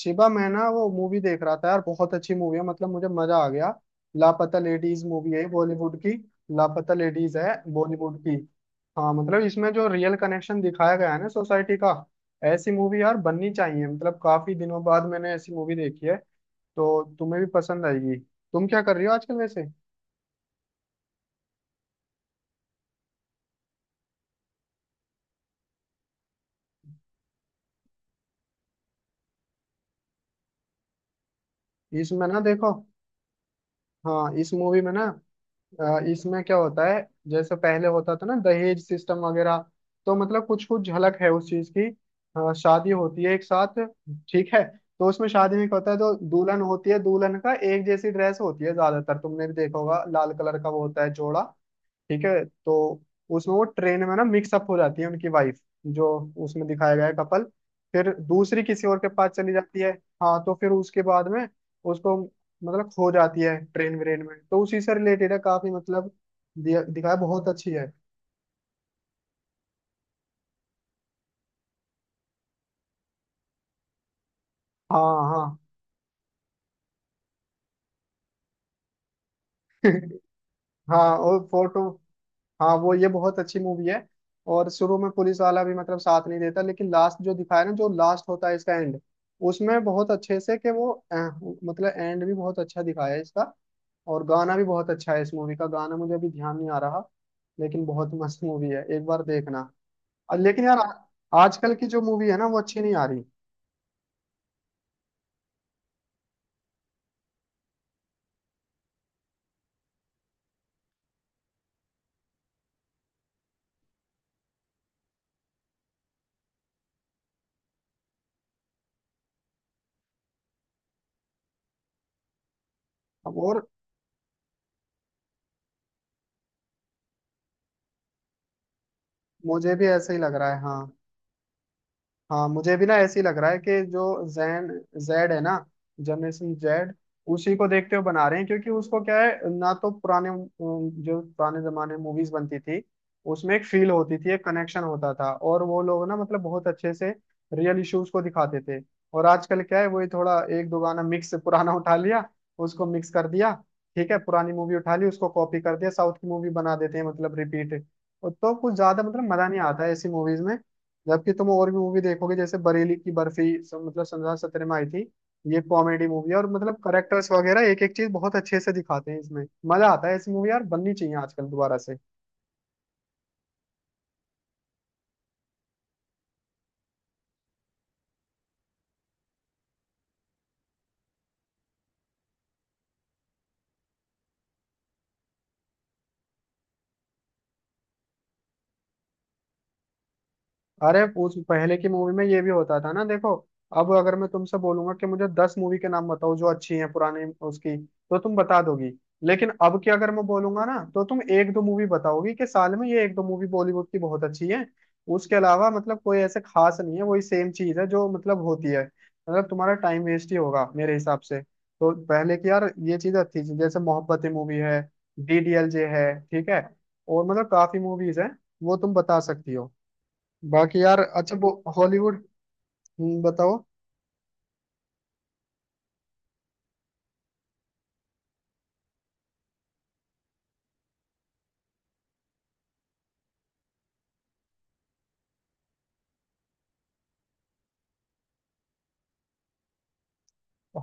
शिवा, मैं ना वो मूवी देख रहा था यार। बहुत अच्छी मूवी है, मतलब मुझे मजा आ गया। लापता लेडीज मूवी है बॉलीवुड की। लापता लेडीज है बॉलीवुड की। हाँ, मतलब इसमें जो रियल कनेक्शन दिखाया गया है ना सोसाइटी का। ऐसी मूवी यार बननी चाहिए, मतलब काफी दिनों बाद मैंने ऐसी मूवी देखी है। तो तुम्हें भी पसंद आएगी। तुम क्या कर रही हो आजकल वैसे? इसमें ना देखो। हाँ, इस मूवी में ना इसमें क्या होता है, जैसे पहले होता था ना दहेज सिस्टम वगैरह, तो मतलब कुछ कुछ झलक है उस चीज की। शादी होती है एक साथ। ठीक है, तो उसमें शादी में क्या होता है, जो दुल्हन होती है दुल्हन का एक जैसी ड्रेस होती है ज्यादातर, तुमने भी देखा होगा लाल कलर का वो होता है जोड़ा। ठीक है तो उसमें वो ट्रेन में ना मिक्सअप हो जाती है उनकी वाइफ जो उसमें दिखाया गया है कपल। फिर दूसरी किसी और के पास चली जाती है। हाँ, तो फिर उसके बाद में उसको मतलब खो जाती है ट्रेन व्रेन में, तो उसी से रिलेटेड है काफी मतलब। दिखाया, बहुत अच्छी है। हाँ हाँ। हाँ, और फोटो। हाँ, वो ये बहुत अच्छी मूवी है। और शुरू में पुलिस वाला भी मतलब साथ नहीं देता, लेकिन लास्ट जो दिखाया ना, जो लास्ट होता है इसका एंड, उसमें बहुत अच्छे से कि वो मतलब एंड भी बहुत अच्छा दिखाया है इसका। और गाना भी बहुत अच्छा है इस मूवी का, गाना मुझे अभी ध्यान नहीं आ रहा, लेकिन बहुत मस्त मूवी है, एक बार देखना। और लेकिन यार आजकल की जो मूवी है ना वो अच्छी नहीं आ रही। अब और मुझे भी ऐसा ही लग रहा है हाँ। हाँ, मुझे भी ना ऐसे ही लग रहा है कि जो जैन जेड है ना, जनरेशन जेड, उसी को देखते हुए बना रहे हैं, क्योंकि उसको क्या है ना। तो पुराने जो पुराने जमाने में मूवीज बनती थी उसमें एक फील होती थी, एक कनेक्शन होता था, और वो लोग ना मतलब बहुत अच्छे से रियल इश्यूज को दिखाते थे। और आजकल क्या है, वही थोड़ा एक दो गाना मिक्स पुराना उठा लिया, उसको मिक्स कर दिया। ठीक है, पुरानी मूवी उठा ली, उसको कॉपी कर दिया, साउथ की मूवी बना देते हैं, मतलब रिपीट। तो कुछ ज्यादा मतलब मजा नहीं आता है ऐसी मूवीज में। जबकि तुम और भी मूवी देखोगे जैसे बरेली की बर्फी, मतलब सन 2017 में आई थी। ये कॉमेडी मूवी है, और मतलब करेक्टर्स वगैरह एक एक चीज बहुत अच्छे से दिखाते हैं इसमें। मजा आता है। ऐसी मूवी यार बननी चाहिए आजकल दोबारा से। अरे उस पहले की मूवी में ये भी होता था ना, देखो अब अगर मैं तुमसे बोलूंगा कि मुझे दस मूवी के नाम बताओ जो अच्छी हैं पुरानी, उसकी तो तुम बता दोगी। लेकिन अब की अगर मैं बोलूंगा ना, तो तुम एक दो मूवी बताओगी कि साल में ये एक दो मूवी बॉलीवुड की बहुत अच्छी है। उसके अलावा मतलब कोई ऐसे खास नहीं है, वही सेम चीज है जो मतलब होती है। मतलब तुम्हारा टाइम वेस्ट ही होगा मेरे हिसाब से। तो पहले की यार ये चीज अच्छी थी, जैसे मोहब्बतें मूवी है, डीडीएलजे है। ठीक है, और मतलब काफी मूवीज हैं, वो तुम बता सकती हो। बाकी यार, अच्छा वो हॉलीवुड। बताओ।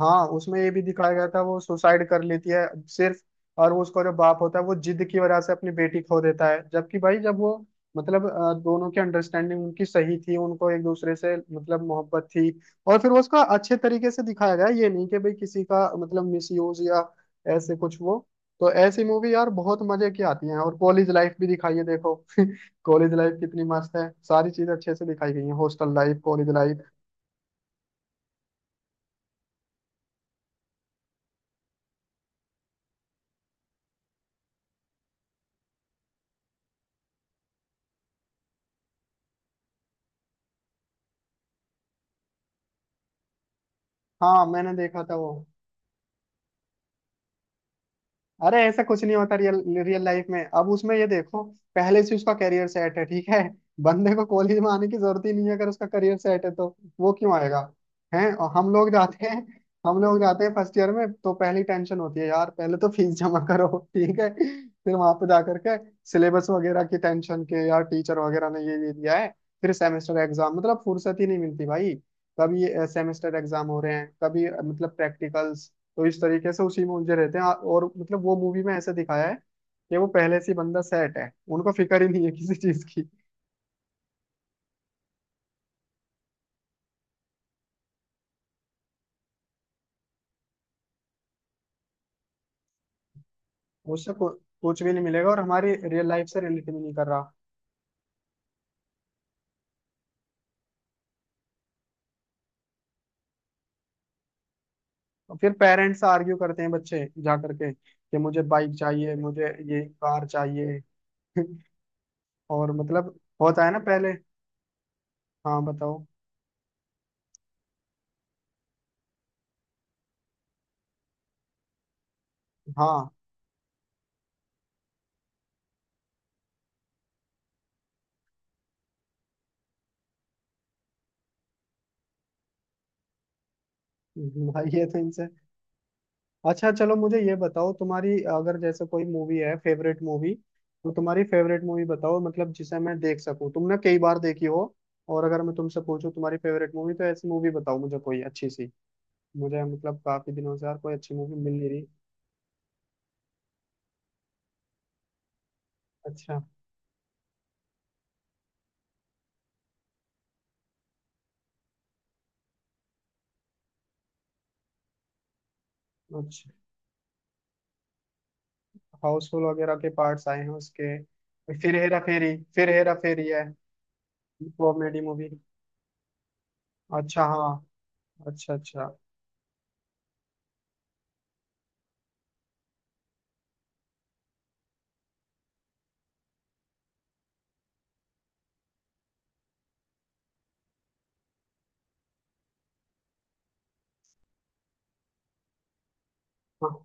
हाँ, उसमें ये भी दिखाया गया था वो सुसाइड कर लेती है सिर्फ, और वो उसका जो बाप होता है वो जिद की वजह से अपनी बेटी खो देता है, जबकि भाई जब वो मतलब दोनों की अंडरस्टैंडिंग उनकी सही थी, उनको एक दूसरे से मतलब मोहब्बत थी। और फिर वो उसका अच्छे तरीके से दिखाया गया, ये नहीं कि भाई किसी का मतलब मिसयूज या ऐसे कुछ वो। तो ऐसी मूवी यार बहुत मजे की आती हैं, और कॉलेज लाइफ भी दिखाई है देखो। कॉलेज लाइफ कितनी मस्त है, सारी चीज अच्छे से दिखाई गई है, हॉस्टल लाइफ, कॉलेज लाइफ। हाँ, मैंने देखा था वो। अरे ऐसा कुछ नहीं होता रियल, रियल लाइफ में। अब उसमें ये देखो, पहले से उसका करियर सेट है। ठीक है, बंदे को कॉलेज में आने की जरूरत ही नहीं है, अगर उसका करियर सेट है तो वो क्यों आएगा? हैं, और हम लोग जाते हैं, हम लोग जाते हैं फर्स्ट ईयर में, तो पहली टेंशन होती है यार पहले तो फीस जमा करो। ठीक है, फिर वहां पे जाकर के सिलेबस वगैरह की टेंशन के यार टीचर वगैरह ने ये दिया है। फिर सेमेस्टर एग्जाम, मतलब फुर्सत ही नहीं मिलती भाई। कभी सेमेस्टर एग्जाम हो रहे हैं, कभी मतलब प्रैक्टिकल्स। तो इस तरीके से उसी में उलझे रहते हैं। और मतलब वो मूवी में ऐसे दिखाया है कि वो पहले से ही बंदा सेट है, उनको फिक्र ही नहीं है किसी चीज की। उससे कुछ भी नहीं मिलेगा, और हमारी रियल लाइफ से रिलेट भी नहीं कर रहा। और फिर पेरेंट्स से आर्ग्यू करते हैं बच्चे जा करके कि मुझे बाइक चाहिए, मुझे ये कार चाहिए। और मतलब होता है ना पहले। हाँ, बताओ। हाँ। भाई, ये तो इनसे। अच्छा चलो, मुझे ये बताओ तुम्हारी अगर जैसे कोई मूवी है फेवरेट मूवी, तो तुम्हारी फेवरेट मूवी बताओ मतलब, जिसे मैं देख सकूं, तुमने कई बार देखी हो। और अगर मैं तुमसे पूछूं तुम्हारी फेवरेट मूवी, तो ऐसी मूवी बताओ मुझे कोई अच्छी सी। मुझे मतलब काफी दिनों से यार कोई अच्छी मूवी मिल नहीं रही। अच्छा। अच्छा, हाउसफुल वगैरह के पार्ट्स आए हैं उसके, फिर हेरा फेरी, फिर हेरा फेरी है, कॉमेडी मूवी। अच्छा हाँ। अच्छा अच्छा। हाँ।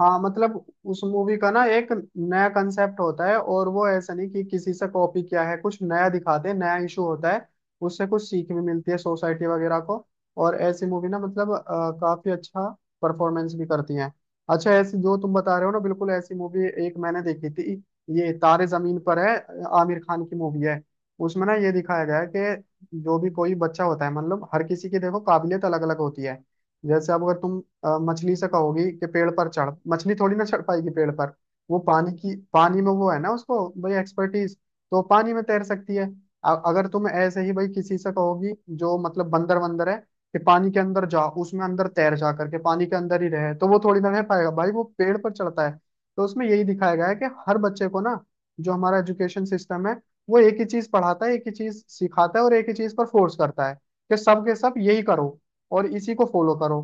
हाँ, मतलब उस मूवी का ना एक नया कंसेप्ट होता है, और वो ऐसा नहीं कि किसी से कॉपी किया है, कुछ नया दिखाते हैं, नया इशू होता है, उससे कुछ सीख भी मिलती है सोसाइटी वगैरह को। और ऐसी मूवी ना मतलब काफी अच्छा परफॉर्मेंस भी करती हैं। अच्छा, ऐसी जो तुम बता रहे हो ना, बिल्कुल ऐसी मूवी एक मैंने देखी थी, ये तारे जमीन पर है, आमिर खान की मूवी है। उसमें ना ये दिखाया गया है कि जो भी कोई बच्चा होता है, मतलब हर किसी की देखो काबिलियत अलग अलग होती है। जैसे अब अगर तुम मछली से कहोगी कि पेड़ पर चढ़, मछली थोड़ी ना चढ़ पाएगी पेड़ पर। वो पानी की, पानी में वो है ना, उसको भाई एक्सपर्टीज, तो पानी में तैर सकती है। अगर तुम ऐसे ही भाई किसी से कहोगी जो मतलब बंदर वंदर है कि पानी के अंदर जा, उसमें अंदर तैर जा करके पानी के अंदर ही रहे, तो वो थोड़ी ना रह पाएगा भाई, वो पेड़ पर चढ़ता है। तो उसमें यही दिखाया गया है कि हर बच्चे को ना, जो हमारा एजुकेशन सिस्टम है वो एक ही चीज पढ़ाता है, एक ही चीज सिखाता है, और एक ही चीज पर फोर्स करता है कि सब के सब यही करो और इसी को फॉलो करो।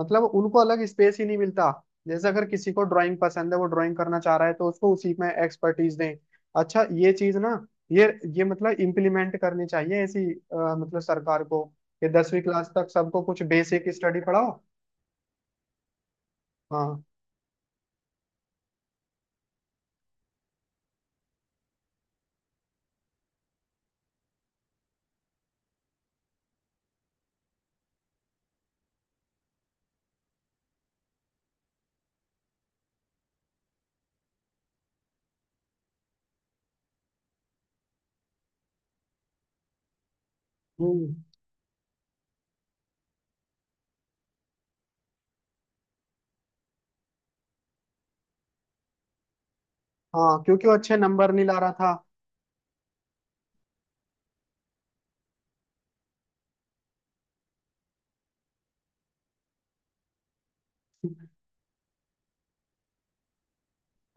मतलब उनको अलग स्पेस ही नहीं मिलता। जैसे अगर किसी को ड्राइंग पसंद है, वो ड्राइंग करना चाह रहा है, तो उसको उसी में एक्सपर्टीज दें। अच्छा ये चीज ना ये ये मतलब इम्प्लीमेंट करनी चाहिए ऐसी मतलब सरकार को, कि दसवीं क्लास तक सबको कुछ बेसिक स्टडी पढ़ाओ। हाँ। हम्म। हाँ, क्योंकि वो अच्छे नंबर नहीं ला रहा था।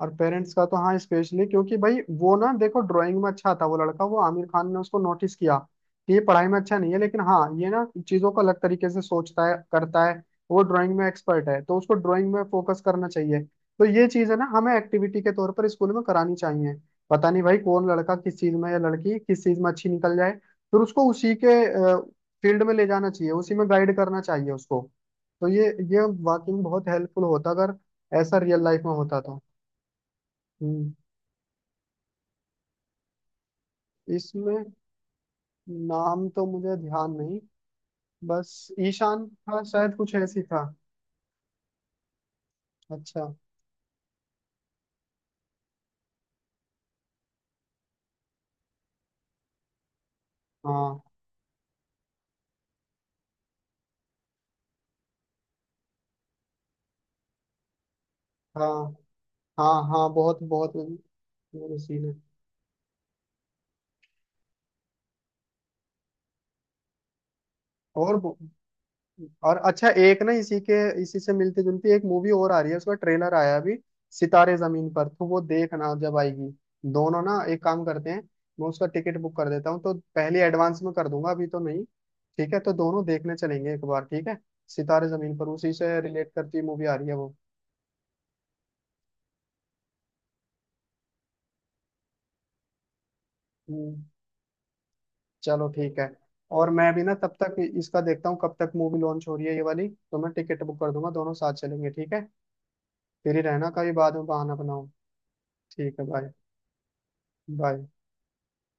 और पेरेंट्स का तो हाँ स्पेशली, क्योंकि भाई वो ना देखो ड्राइंग में अच्छा था वो लड़का, वो आमिर खान ने उसको नोटिस किया कि ये पढ़ाई में अच्छा नहीं है, लेकिन हाँ ये ना चीजों को अलग तरीके से सोचता है, करता है, वो ड्राइंग में एक्सपर्ट है, तो उसको ड्राइंग में फोकस करना चाहिए। तो ये चीज है ना, हमें एक्टिविटी के तौर पर स्कूल में करानी चाहिए। पता नहीं भाई कौन लड़का किस चीज में या लड़की किस चीज में अच्छी निकल जाए, फिर उसको उसी के फील्ड में ले जाना चाहिए, उसी में गाइड करना चाहिए उसको। तो ये वाकई में बहुत हेल्पफुल होता अगर ऐसा रियल लाइफ में होता तो। हम्म, इसमें नाम तो मुझे ध्यान नहीं, बस ईशान था शायद, कुछ ऐसी था। अच्छा। हाँ हाँ। हाँ हाँ बहुत बहुत वो सीन है। और और अच्छा, एक ना इसी के, इसी से मिलती जुलती एक मूवी और आ रही है, उसका ट्रेलर आया अभी, सितारे जमीन पर, तो वो देखना जब आएगी। दोनों ना एक काम करते हैं, मैं उसका टिकट बुक कर देता हूँ, तो पहले एडवांस में कर दूंगा, अभी तो नहीं। ठीक है तो दोनों देखने चलेंगे एक बार, ठीक है। सितारे जमीन पर, उसी से रिलेट करती मूवी आ रही है वो। हम्म, चलो ठीक है। और मैं भी ना तब तक इसका देखता हूँ, कब तक मूवी लॉन्च हो रही है ये वाली, तो मैं टिकट बुक कर दूंगा, दोनों साथ चलेंगे, ठीक है। फिर ही रहना, कभी बाद में बहाना बनाओ। ठीक है बाय। बाय।